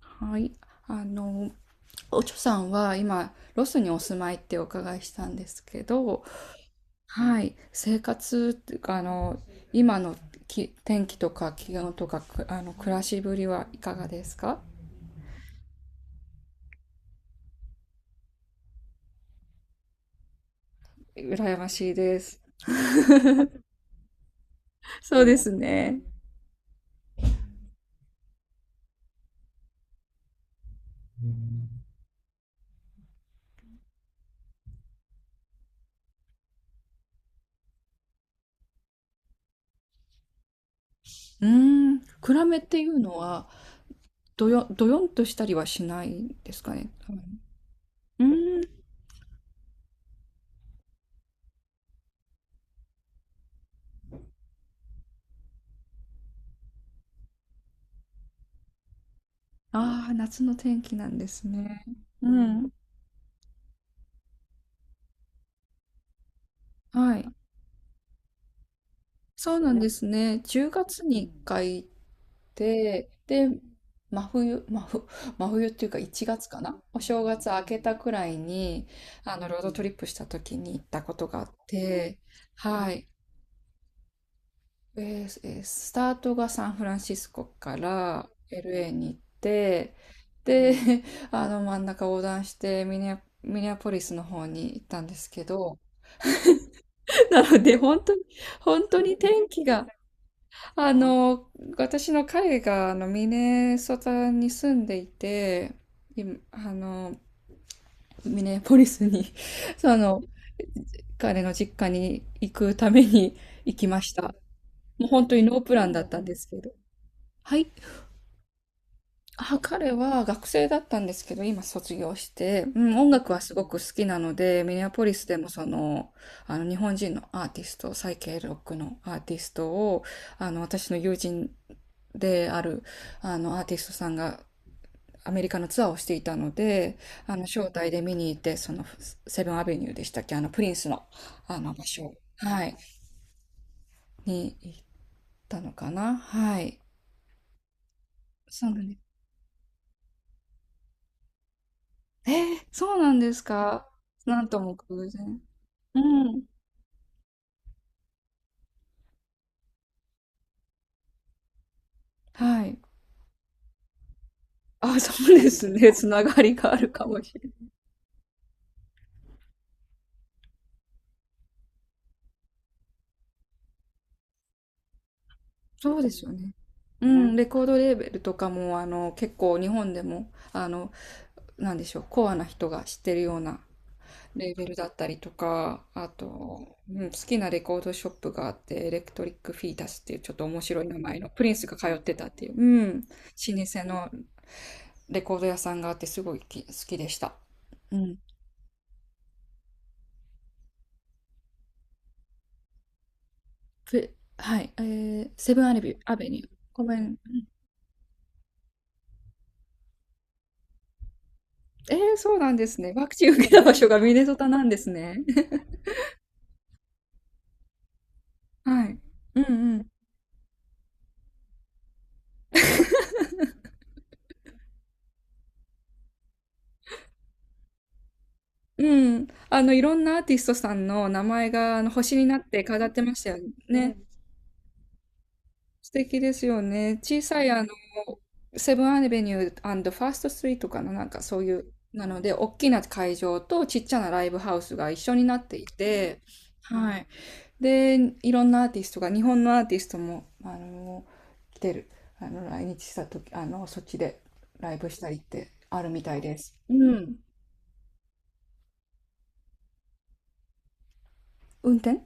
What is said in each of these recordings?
はい。あの、おちょさんは今、ロスにお住まいってお伺いしたんですけど、はい。生活っていうか、今の天気とか気温とか、くあの、暮らしぶりはいかがですか？羨ましいです。そうですね。うーん。暗めっていうのは、どよんとしたりはしないですかね。多分。うーん。ああ、夏の天気なんですね。うん。はい。そうなんですね。10月に1回。で、真冬、真冬っていうか1月かな、お正月明けたくらいに、ロードトリップした時に行ったことがあって、はい。えスタートがサンフランシスコから LA に行って、で、真ん中横断してミネアポリスの方に行ったんですけど、なので、本当に、本当に天気が、あの、私の彼がミネソタに住んでいて、今、ミネポリスに その、彼の実家に行くために 行きました。もう本当にノープランだったんですけど。はい。あ、彼は学生だったんですけど、今卒業して、うん、音楽はすごく好きなので、ミネアポリスでも日本人のアーティスト、サイケイロックのアーティストを、私の友人である、アーティストさんがアメリカのツアーをしていたので、招待で見に行って、セブンアベニューでしたっけ、プリンスの、場所、はい、に行ったのかな、はい。そうなんです。そうなんですか？なんとも偶然。うん。はい。あ、そうですね。つながりがあるかもしれない。そうですよね。うん、レコードレーベルとかも、結構日本でも、なんでしょう、コアな人が知ってるようなレーベルだったりとか、あと、うん、好きなレコードショップがあって、エレクトリック・フィータスっていうちょっと面白い名前の、プリンスが通ってたっていう、うん、老舗のレコード屋さんがあってすごい好きでした。うん。ふはい、セブンアレビュー、アベニュー。ごめん。えー、そうなんですね。ワクチン受けた場所がミネソタなんですね。はい。うんうん。うん、いろんなアーティストさんの名前があの星になって飾ってましたよね。素敵ですよね。小さいセブンアベニューファーストストリートかな、なんかそういう、なので、大きな会場とちっちゃなライブハウスが一緒になっていて、はい。で、いろんなアーティストが、日本のアーティストも、来てる、来日した時、そっちでライブしたりってあるみたいです。うん。運転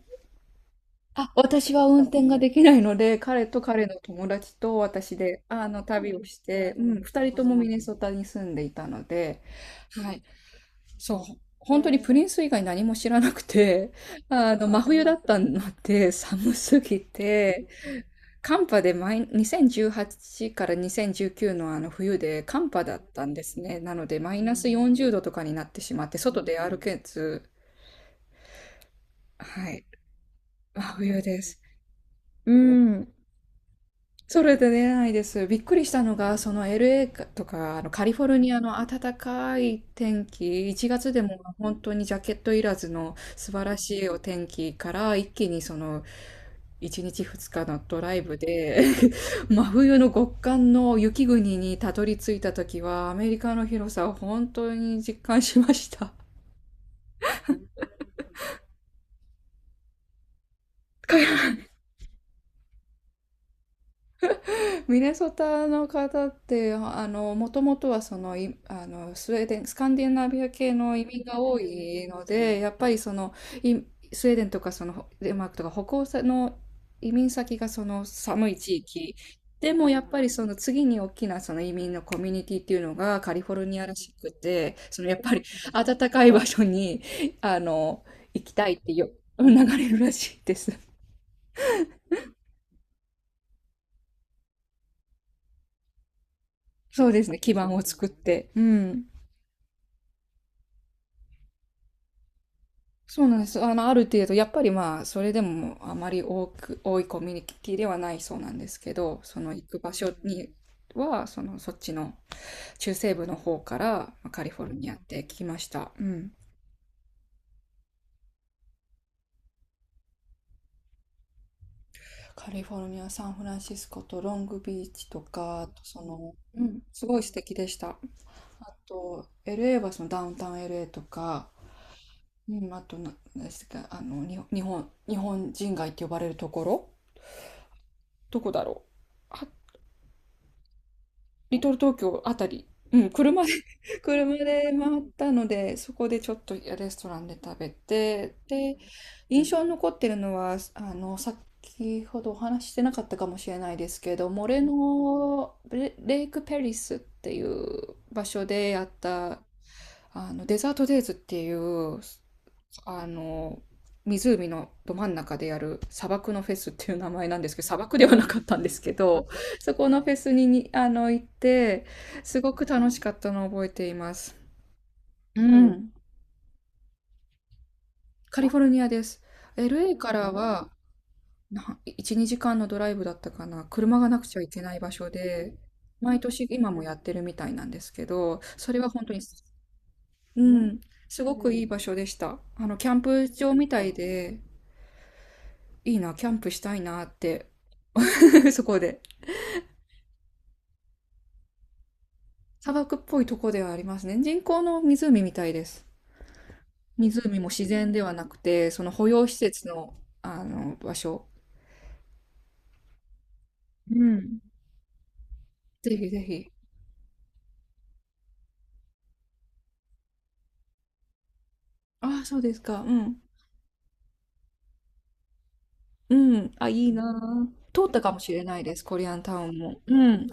あ、私は運転ができないので、彼と彼の友達と私で、旅をして、うん、二人ともミネソタに住んでいたので、はい、そう、本当にプリンス以外何も知らなくて、真冬だったので、寒すぎて、寒波で2018から2019のあの冬で寒波だったんですね。なので、マイナス40度とかになってしまって、外で歩けず、はい、真冬です。うん。それで出ないです。びっくりしたのが、その LA かとか、あのカリフォルニアの暖かい天気、1月でも本当にジャケットいらずの素晴らしいお天気から、一気にその1日2日のドライブで 真冬の極寒の雪国にたどり着いた時は、アメリカの広さを本当に実感しました。帰ミネソタの方って、もともとはそのスウェーデン、スカンディナビア系の移民が多いので、やっぱりそのいスウェーデンとか、そのデンマークとか、北欧の移民先がその寒い地域で、もやっぱりその次に大きなその移民のコミュニティっていうのがカリフォルニアらしくて、そのやっぱり暖かい場所にあの行きたいって流れるらしいです。そうですね、基盤を作って。うん、そうなんです。ある程度、やっぱりまあ、それでもあまり多く、多いコミュニティではないそうなんですけど、その行く場所には、そっちの中西部の方からカリフォルニアって聞きました。うん。カリフォルニア、サンフランシスコとロングビーチとか、あとうん、すごい素敵でした。あと、LA はそのダウンタウン LA とか、うん、あとな、何ですか、あの、に、日本、日本人街って呼ばれるところ、どこだろう。リトル東京あたり、うん、車で 車で回ったので、そこでちょっとレストランで食べて、で、印象に残ってるのは、先ほどお話ししてなかったかもしれないですけど、モレノレ、レイクペリスっていう場所でやった、デザートデイズっていう、あの、湖のど真ん中でやる、砂漠のフェスっていう名前なんですけど、砂漠ではなかったんですけど、そこのフェスに、行って、すごく楽しかったのを覚えています。うん。カリフォルニアです。LA からは1、2時間のドライブだったかな。車がなくちゃいけない場所で、毎年今もやってるみたいなんですけど、それは本当に、うん、すごくいい場所でした。キャンプ場みたいで、いいな、キャンプしたいなって そこで。砂漠っぽいとこではありますね。人工の湖みたいです。湖も自然ではなくて、その保養施設の、場所。うん。ぜひぜひ。ああ、そうですか。うん。うん。あ、いいなあ。通ったかもしれないです。コリアンタウンも。うん。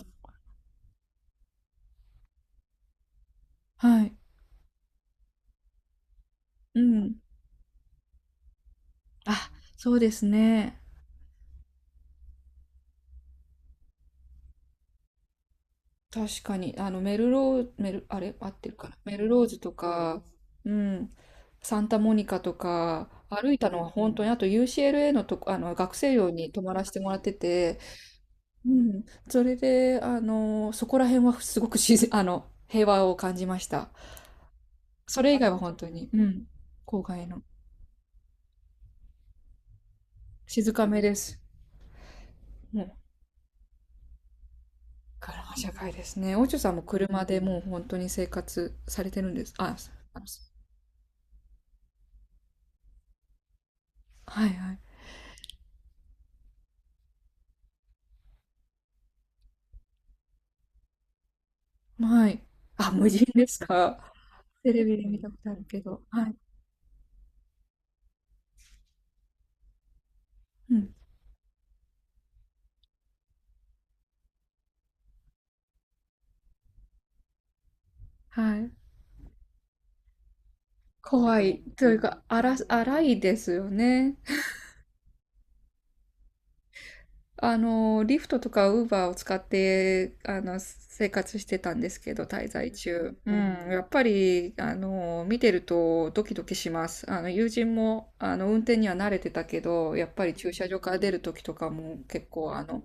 はい。うん。あ、そうですね。確かに、あの、メルロー、メル、あれ合ってるかな。メルローズとか、うん、サンタモニカとか、歩いたのは本当に、あと UCLA のとこ、学生寮に泊まらせてもらってて、うん、それで、そこら辺はすごく自然、平和を感じました。それ以外は本当に、うん、郊外の、静かめです。もう、から社会ですね。オチョさんも車でもう本当に生活されてるんですあ、あのはいはい。はい。あ、無人ですか。テレビで見たことあるけど。はい。うん。はい。怖い。というか、荒荒いですよね。リフトとかウーバーを使って、生活してたんですけど、滞在中。うん。やっぱり、見てるとドキドキします。友人も、運転には慣れてたけど、やっぱり駐車場から出るときとかも結構、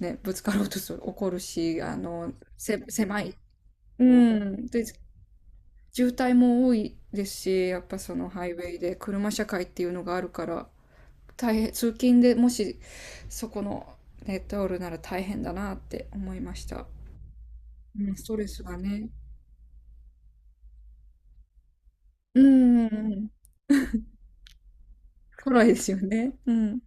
ね、ぶつかろうとする、怒るし、狭い。うん。で、渋滞も多いですし、やっぱそのハイウェイで車社会っていうのがあるから、大変、通勤でもしそこのネットおるなら大変だなって思いました。うん、ストレスがね。うんうんうん。辛いですよね。うん。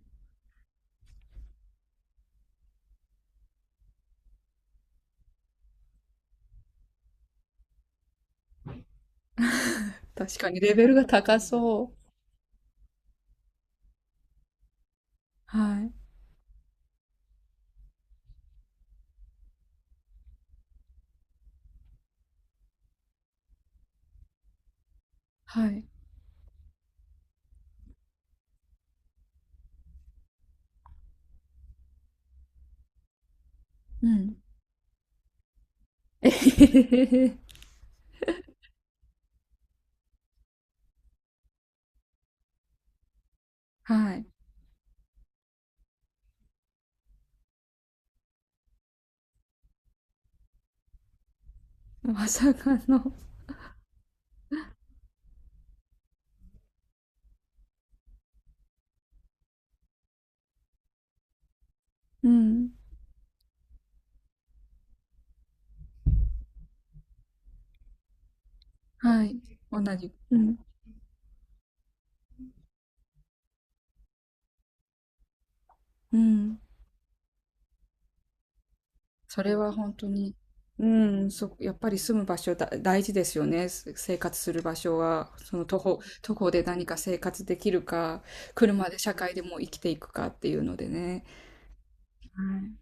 確かにレベルが高そう。はい。はい。うん。えへへへへ。はい。まさかの。うん。はい。同じ。うん。うん。それは本当に、うん、やっぱり住む場所だ、大事ですよね。生活する場所は、徒歩で何か生活できるか、車で社会でもう生きていくかっていうのでね。はい。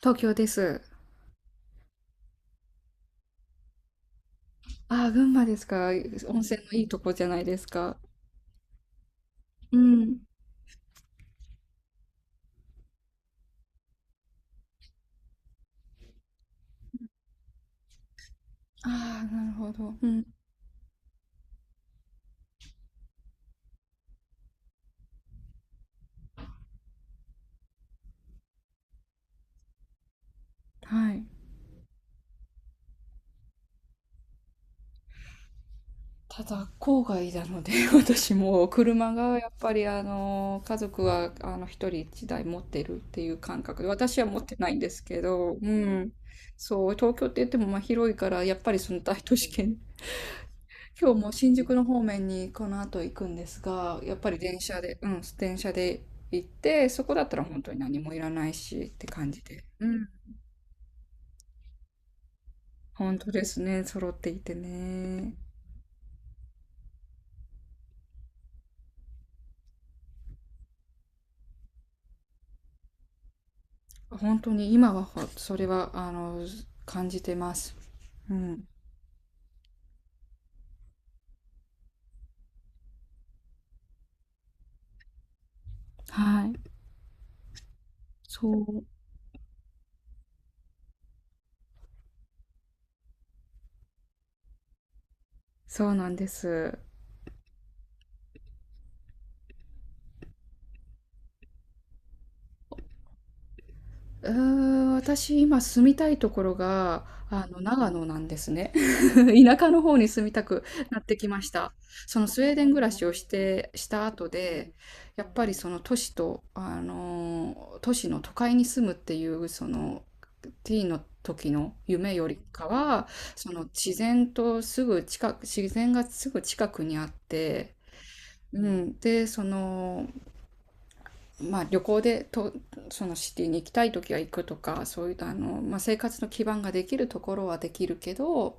東京です。ああ、群馬ですか。温泉のいいとこじゃないですか。うん。ああ、なるほど。うん。はい。ただ郊外なので 私も車がやっぱり家族は一人一台持ってるっていう感覚で、私は持ってないんですけど、うん、そう、東京って言ってもまあ広いから、やっぱりその大都市圏、今日も新宿の方面にこの後行くんですが、やっぱり電車で、うん、電車で行って、そこだったら本当に何もいらないしって感じで、うん、本当ですね、揃っていてね。本当に今はそれは感じてます。うん。はい。そう。そうなんです。うーん、私今住みたいところが、長野なんですね。田舎の方に住みたくなってきました。そのスウェーデン暮らしをして、した後で、やっぱりその都市の都会に住むっていう、ティーの時の夢よりかは、その自然がすぐ近くにあって、うん、で、まあ、旅行でとそのシティに行きたい時は行くとかそういうまあ、生活の基盤ができるところはできるけど、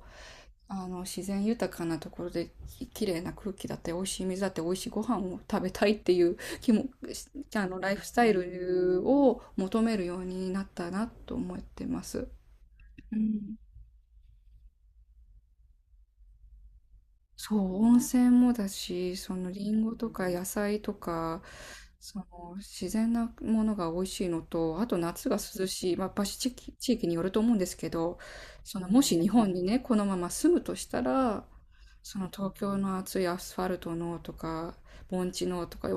自然豊かなところで綺麗な空気だって美味しい水だって美味しいご飯を食べたいっていう気も、ライフスタイルを求めるようになったなと思ってます。うん、そう、温泉もだし、そのリンゴとか野菜とか、その自然なものが美味しいのと、あと夏が涼しい、まあ、地域、地域によると思うんですけど、そのもし日本にね、このまま住むとしたら、その東京の暑いアスファルトのとか、盆地のとか、